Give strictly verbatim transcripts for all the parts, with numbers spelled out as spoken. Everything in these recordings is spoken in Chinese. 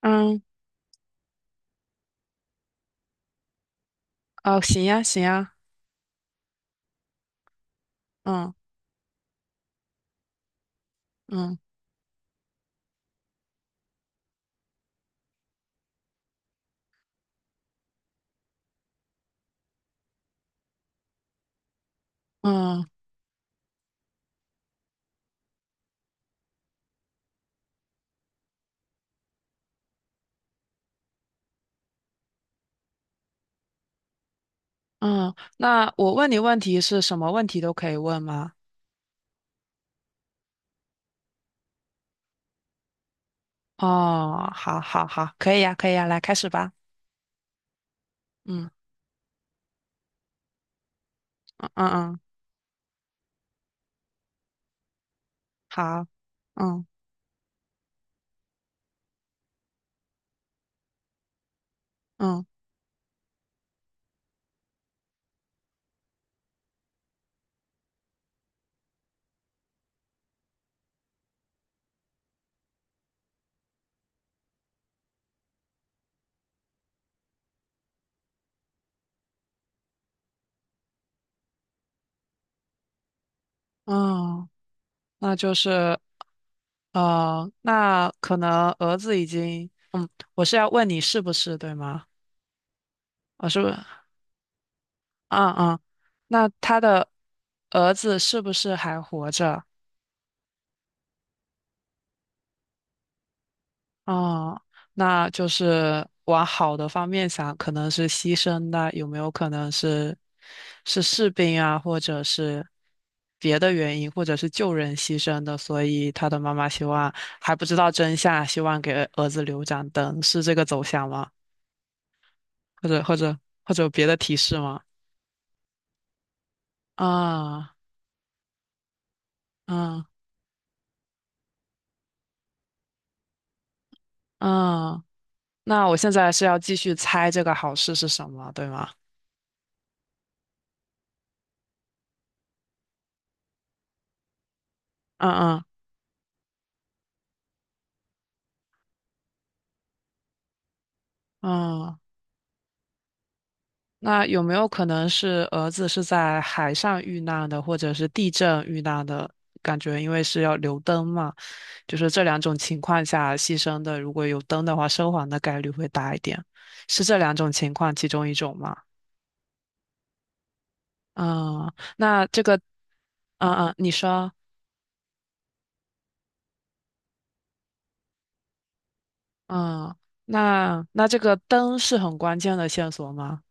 嗯，哦，行呀，行呀，嗯嗯嗯嗯，那我问你问题是什么问题都可以问吗？哦，好，好，好，可以呀，可以呀，来开始吧。嗯嗯嗯，嗯好，嗯嗯嗯，那就是呃，那可能儿子已经，我是要问你是不是对吗？我是不，是？嗯嗯，那他的儿子是不是还活着？哦，那就是往好的方面想，可能是牺牲的，有没有可能是是士兵啊，或者是别的原因，或者是救人牺牲的？所以他的妈妈希望还不知道真相，希望给儿子留盏灯，是这个走向吗？或者或者或者有别的提示吗？啊啊啊！那我现在是要继续猜这个好事是什么，对吗？嗯嗯嗯那有没有可能是儿子是在海上遇难的，或者是地震遇难的？感觉因为是要留灯嘛，就是这两种情况下牺牲的，如果有灯的话，生还的概率会大一点。是这两种情况其中一种吗？嗯，那这个，嗯嗯，你说，嗯，那那这个灯是很关键的线索吗？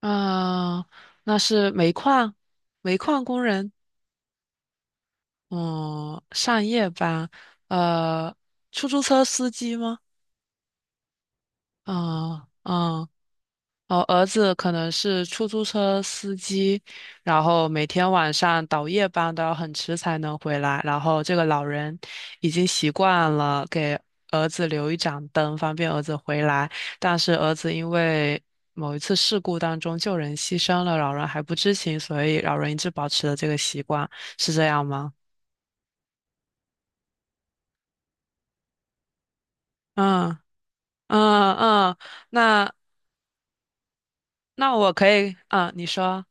嗯，那是煤矿，煤矿工人。嗯，上夜班，呃，出租车司机吗？嗯嗯，哦，儿子可能是出租车司机，然后每天晚上倒夜班都要很迟才能回来，然后这个老人已经习惯了给儿子留一盏灯，方便儿子回来，但是儿子因为某一次事故当中救人牺牲了，老人还不知情，所以老人一直保持了这个习惯，是这样吗？嗯。嗯嗯，那那我可以，嗯，你说，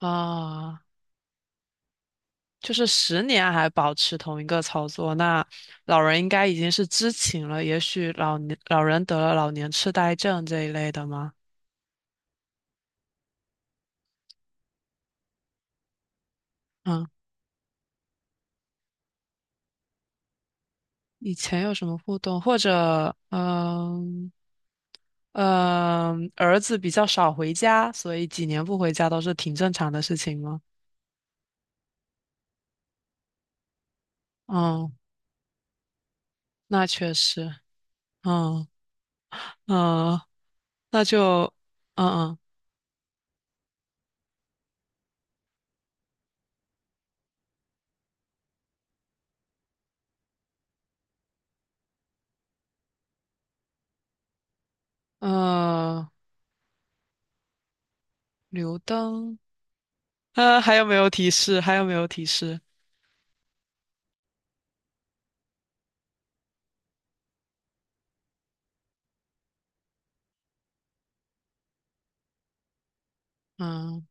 啊、就是十年还保持同一个操作，那老人应该已经是知情了，也许老年老人得了老年痴呆症这一类的吗？嗯，以前有什么互动，或者嗯嗯，儿子比较少回家，所以几年不回家都是挺正常的事情吗？嗯，那确实，嗯嗯，那就嗯嗯。嗯，留灯，啊，还有没有提示？还有没有提示？嗯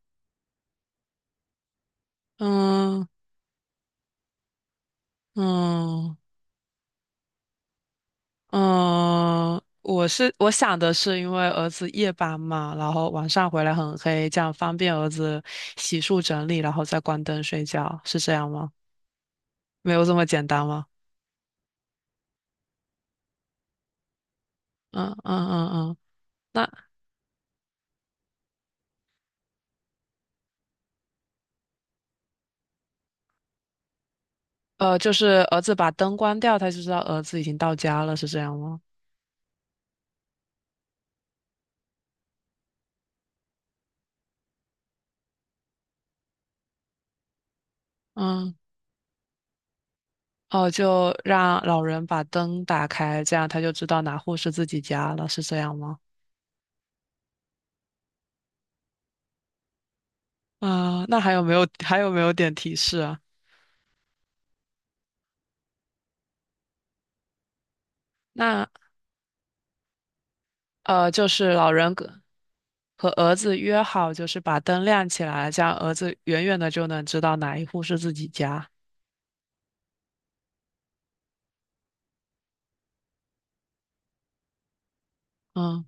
嗯嗯嗯，我是我想的是，因为儿子夜班嘛，然后晚上回来很黑，这样方便儿子洗漱整理，然后再关灯睡觉，是这样吗？没有这么简单吗？嗯嗯嗯嗯，那呃，就是儿子把灯关掉，他就知道儿子已经到家了，是这样吗？嗯。哦，就让老人把灯打开，这样他就知道哪户是自己家了，是这样吗？啊、那还有没有还有没有点提示啊？那呃，就是老人跟和儿子约好，就是把灯亮起来，这样儿子远远的就能知道哪一户是自己家。嗯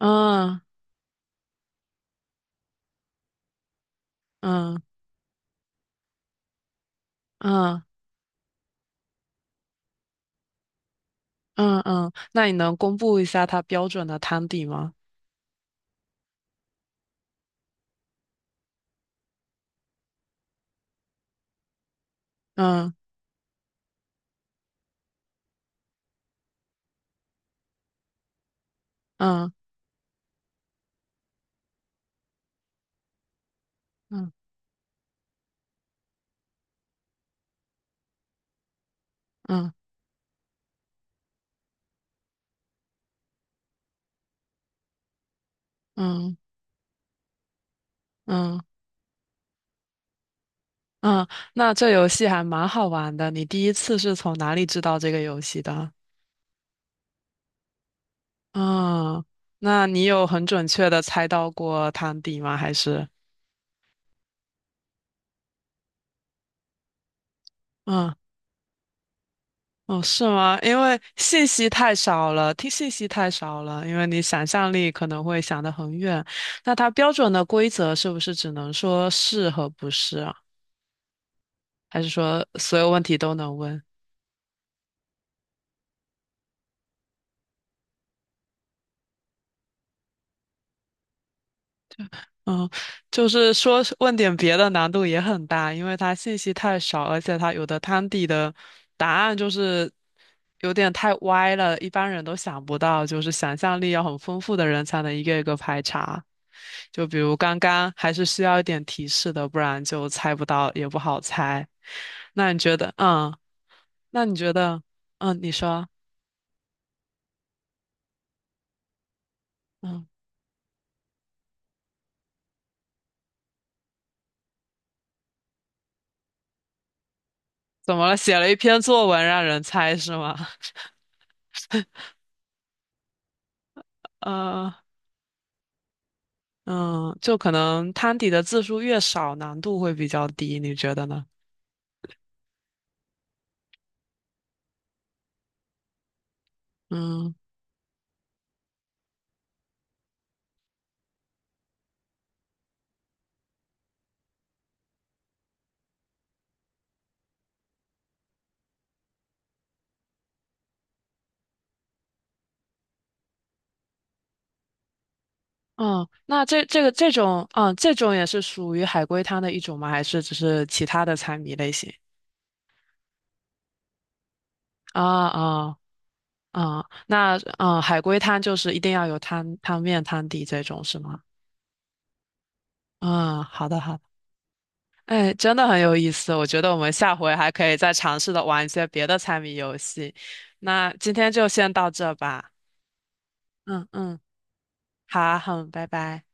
嗯嗯嗯嗯嗯，那你能公布一下他标准的汤底吗？嗯嗯嗯嗯嗯嗯嗯，那这游戏还蛮好玩的。你第一次是从哪里知道这个游戏的？嗯，那你有很准确的猜到过汤底吗？还是嗯哦是吗？因为信息太少了，听信息太少了，因为你想象力可能会想得很远。那它标准的规则是不是只能说是和不是啊？还是说所有问题都能问？嗯，就是说是问点别的难度也很大，因为它信息太少，而且它有的汤底的答案就是有点太歪了，一般人都想不到，就是想象力要很丰富的人才能一个一个排查。就比如刚刚还是需要一点提示的，不然就猜不到，也不好猜。那你觉得，嗯，那你觉得，嗯，你说，嗯，怎么了？写了一篇作文让人猜是吗？嗯。嗯，就可能摊底的字数越少，难度会比较低，你觉得呢？嗯嗯，那这这个这种，嗯，这种也是属于海龟汤的一种吗？还是只是其他的猜谜类型？啊啊啊，那嗯，海龟汤就是一定要有汤汤面、汤底这种是吗？嗯，好的好的，哎，真的很有意思，我觉得我们下回还可以再尝试的玩一些别的猜谜游戏。那今天就先到这吧。嗯嗯，好，好，拜拜。